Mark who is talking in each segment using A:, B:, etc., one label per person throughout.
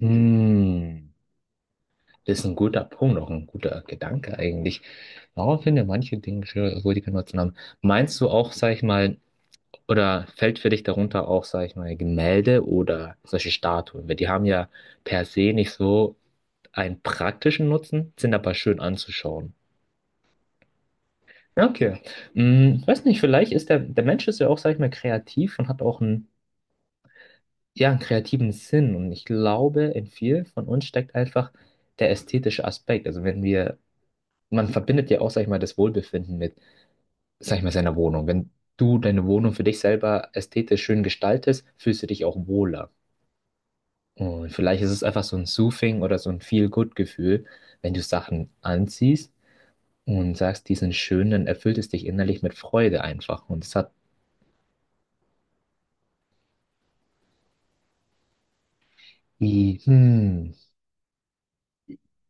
A: Hm, Das ist ein guter Punkt, auch ein guter Gedanke eigentlich. Warum finden wir manche Dinge schwer, obwohl die keinen Nutzen haben? Meinst du auch, sag ich mal, oder fällt für dich darunter auch, sag ich mal, Gemälde oder solche Statuen? Weil die haben ja per se nicht so einen praktischen Nutzen, sind aber schön anzuschauen. Okay. Weiß nicht, vielleicht ist der Mensch ist ja auch, sag ich mal, kreativ und hat auch einen, ja, einen kreativen Sinn. Und ich glaube, in vielen von uns steckt einfach der ästhetische Aspekt. Also wenn wir man verbindet ja auch, sag ich mal, das Wohlbefinden mit, sag ich mal, seiner Wohnung. Wenn du deine Wohnung für dich selber ästhetisch schön gestaltest, fühlst du dich auch wohler. Und vielleicht ist es einfach so ein Soothing oder so ein Feel-Good-Gefühl, wenn du Sachen anziehst und sagst, die sind schön, dann erfüllt es dich innerlich mit Freude einfach. Und es hat wie,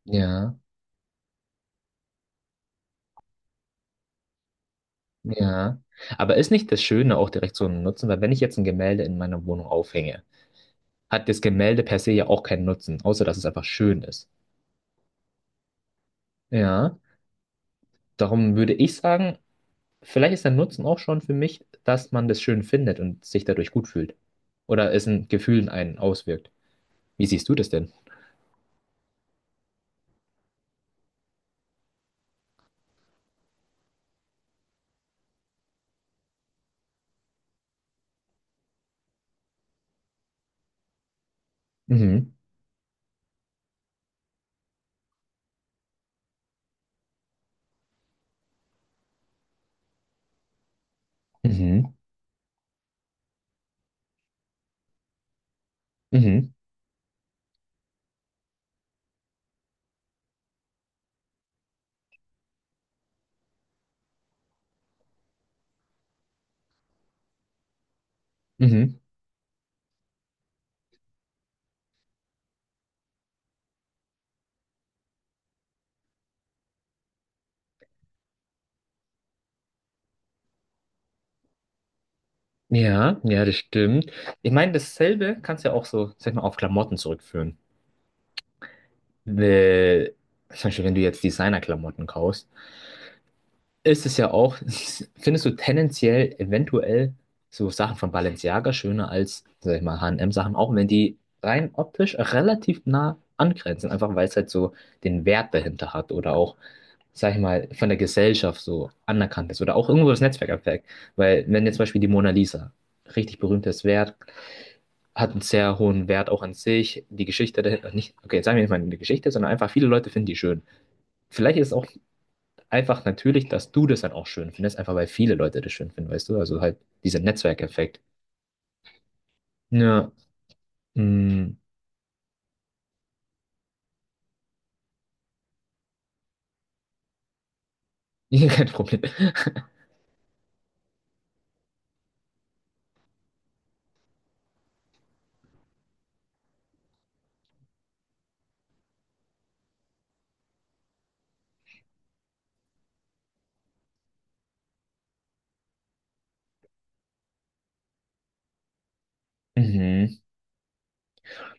A: ja, ja. Aber ist nicht das Schöne auch direkt so ein Nutzen? Weil wenn ich jetzt ein Gemälde in meiner Wohnung aufhänge, hat das Gemälde per se ja auch keinen Nutzen, außer dass es einfach schön ist. Ja. Darum würde ich sagen, vielleicht ist der Nutzen auch schon für mich, dass man das schön findet und sich dadurch gut fühlt. Oder es in Gefühlen einen auswirkt. Wie siehst du das denn? Mhm. Mhm. Mhm. Mhm. Ja, ja, das stimmt. Ich meine, dasselbe kannst du ja auch so, sag ich mal, auf Klamotten zurückführen. Weil, zum Beispiel, wenn du jetzt Designer-Klamotten kaufst, ist es ja auch, findest du tendenziell eventuell so Sachen von Balenciaga schöner als, sag ich mal, H&M-Sachen, auch wenn die rein optisch relativ nah angrenzen, einfach weil es halt so den Wert dahinter hat oder auch, sag ich mal, von der Gesellschaft so anerkannt ist oder auch irgendwo das Netzwerkeffekt. Weil wenn jetzt zum Beispiel die Mona Lisa, richtig berühmtes Wert, hat einen sehr hohen Wert auch an sich, die Geschichte dahinter, nicht, okay, jetzt sagen wir nicht mal die Geschichte, sondern einfach viele Leute finden die schön. Vielleicht ist es auch einfach natürlich, dass du das dann auch schön findest, einfach weil viele Leute das schön finden, weißt du? Also halt dieser Netzwerkeffekt. Ja, mm, kein Problem. Mhm.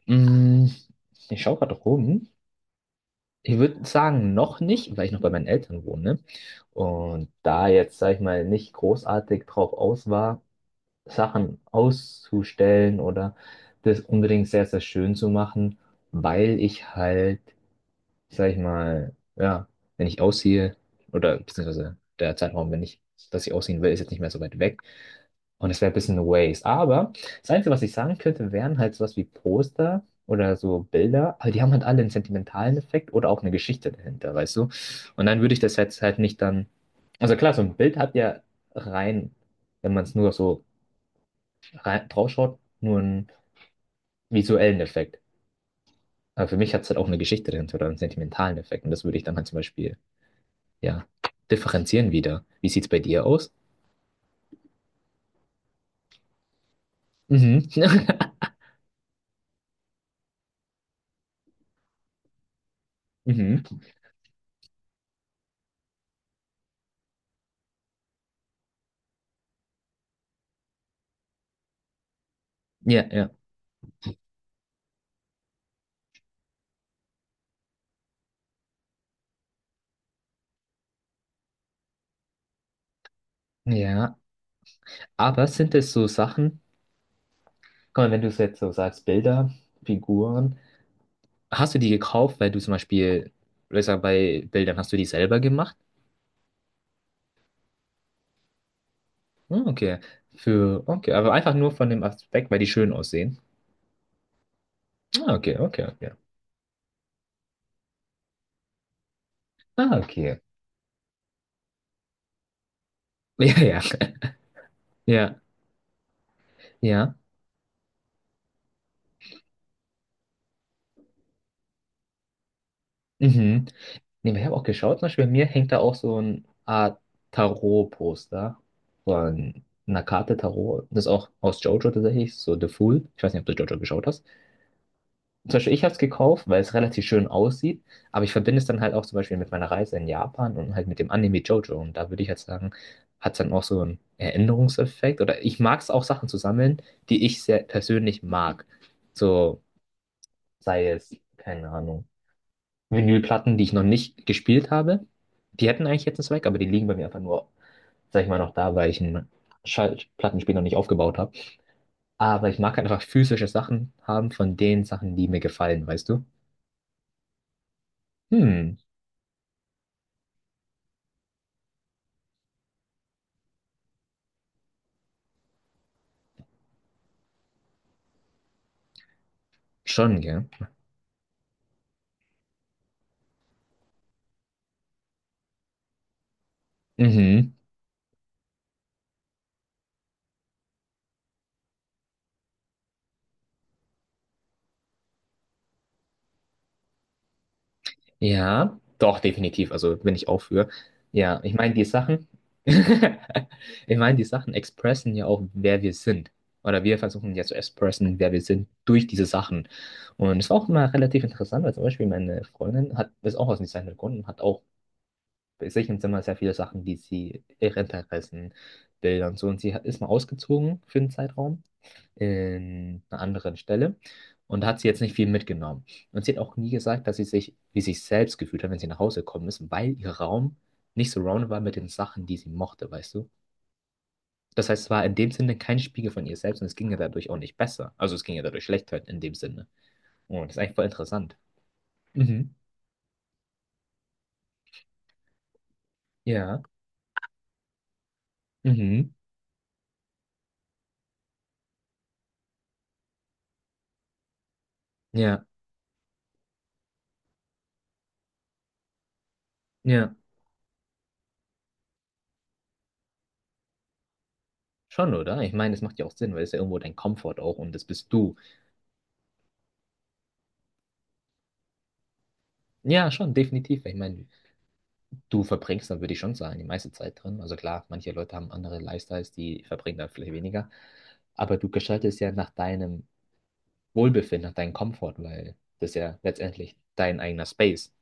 A: Mm, Ich schaue gerade rum. Ich würde sagen, noch nicht, weil ich noch bei meinen Eltern wohne, ne? Und da jetzt, sag ich mal, nicht großartig drauf aus war, Sachen auszustellen oder das unbedingt sehr, sehr schön zu machen, weil ich halt sag ich mal, ja, wenn ich ausziehe, oder beziehungsweise der Zeitraum, wenn ich, dass ich ausziehen will, ist jetzt nicht mehr so weit weg. Und es wäre ein bisschen eine Waste. Aber das Einzige, was ich sagen könnte, wären halt sowas wie Poster oder so Bilder, aber die haben halt alle einen sentimentalen Effekt oder auch eine Geschichte dahinter, weißt du? Und dann würde ich das jetzt halt nicht dann. Also klar, so ein Bild hat ja rein, wenn man es nur so rein, draufschaut, nur einen visuellen Effekt. Aber für mich hat es halt auch eine Geschichte dahinter oder einen sentimentalen Effekt. Und das würde ich dann halt zum Beispiel ja, differenzieren wieder. Wie sieht's bei dir aus? Mhm. Mhm. Ja, ja, ja. Aber sind es so Sachen, guck mal, wenn du es jetzt so sagst, Bilder, Figuren, hast du die gekauft, weil du zum Beispiel, ich sag, bei Bildern hast du die selber gemacht? Ah, okay. Für, okay, aber einfach nur von dem Aspekt, weil die schön aussehen. Ah, okay, okay, okay. Ah, okay. Ja, ja, ja, ja. Mhm. Nee, ich habe auch geschaut, zum Beispiel bei mir hängt da auch so eine Art Tarot-Poster von einer Karte Tarot. Das ist auch aus JoJo tatsächlich, so The Fool. Ich weiß nicht, ob du JoJo geschaut hast. Zum Beispiel, ich habe es gekauft, weil es relativ schön aussieht, aber ich verbinde es dann halt auch zum Beispiel mit meiner Reise in Japan und halt mit dem Anime JoJo. Und da würde ich halt sagen, hat es dann auch so einen Erinnerungseffekt. Oder ich mag es auch, Sachen zu sammeln, die ich sehr persönlich mag. So sei es, keine Ahnung. Vinylplatten, die ich noch nicht gespielt habe. Die hätten eigentlich jetzt einen Zweck, aber die liegen bei mir einfach nur, sag ich mal, noch da, weil ich einen Schallplattenspieler noch nicht aufgebaut habe. Aber ich mag halt einfach physische Sachen haben von den Sachen, die mir gefallen, weißt du? Hm, Schon, gell? Mhm. Ja, doch, definitiv. Also bin ich auch für. Ja, ich meine, die Sachen, ich meine, die Sachen expressen ja auch, wer wir sind. Oder wir versuchen ja zu expressen, wer wir sind, durch diese Sachen. Und es war auch immer relativ interessant, weil zum Beispiel meine Freundin hat, ist auch aus dem Design gekommen und hat auch bei sich im Zimmer sehr viele Sachen, die sie, ihre Interessen, Bilder und so. Und sie hat, ist mal ausgezogen für einen Zeitraum in einer anderen Stelle und da hat sie jetzt nicht viel mitgenommen. Und sie hat auch nie gesagt, dass sie sich wie sich selbst gefühlt hat, wenn sie nach Hause gekommen ist, weil ihr Raum nicht surrounded war mit den Sachen, die sie mochte, weißt du? Das heißt, es war in dem Sinne kein Spiegel von ihr selbst und es ging ihr dadurch auch nicht besser. Also es ging ihr dadurch schlechter in dem Sinne. Oh, das ist eigentlich voll interessant. Mhm. Ja. Mhm. Ja. Ja. Schon, oder? Ich meine, das macht ja auch Sinn, weil es ist ja irgendwo dein Komfort auch und das bist du. Ja, schon, definitiv. Ich meine, du verbringst dann, würde ich schon sagen, die meiste Zeit drin. Also klar, manche Leute haben andere Lifestyles, die verbringen dann vielleicht weniger. Aber du gestaltest ja nach deinem Wohlbefinden, nach deinem Komfort, weil das ist ja letztendlich dein eigener Space.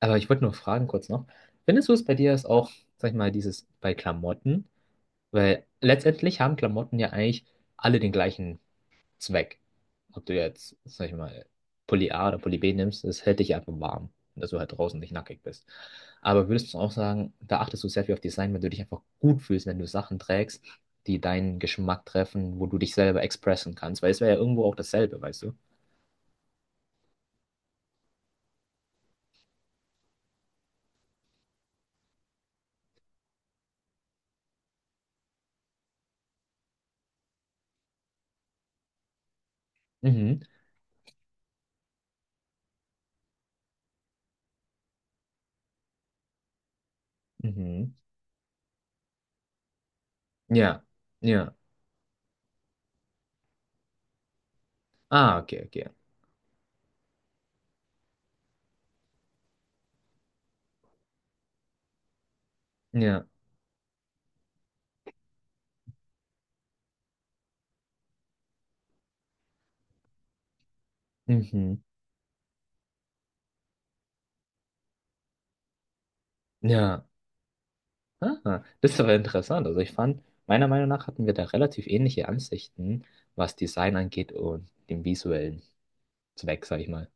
A: Aber ich wollte nur fragen kurz noch, findest du es bei dir ist auch, sag ich mal, dieses bei Klamotten? Weil letztendlich haben Klamotten ja eigentlich alle den gleichen Zweck. Ob du jetzt, sag ich mal, Pulli A oder Pulli B nimmst, das hält dich einfach warm, dass du halt draußen nicht nackig bist. Aber würdest du auch sagen, da achtest du sehr viel auf Design, wenn du dich einfach gut fühlst, wenn du Sachen trägst, die deinen Geschmack treffen, wo du dich selber expressen kannst, weil es wäre ja irgendwo auch dasselbe, weißt du? Mhm, mhm. Ja, ja. Ah, okay, okay. Ja, mhm. Ja. Aha. Das ist aber interessant. Also ich fand, meiner Meinung nach hatten wir da relativ ähnliche Ansichten, was Design angeht und dem Visuellen. Zweck, sag ich mal.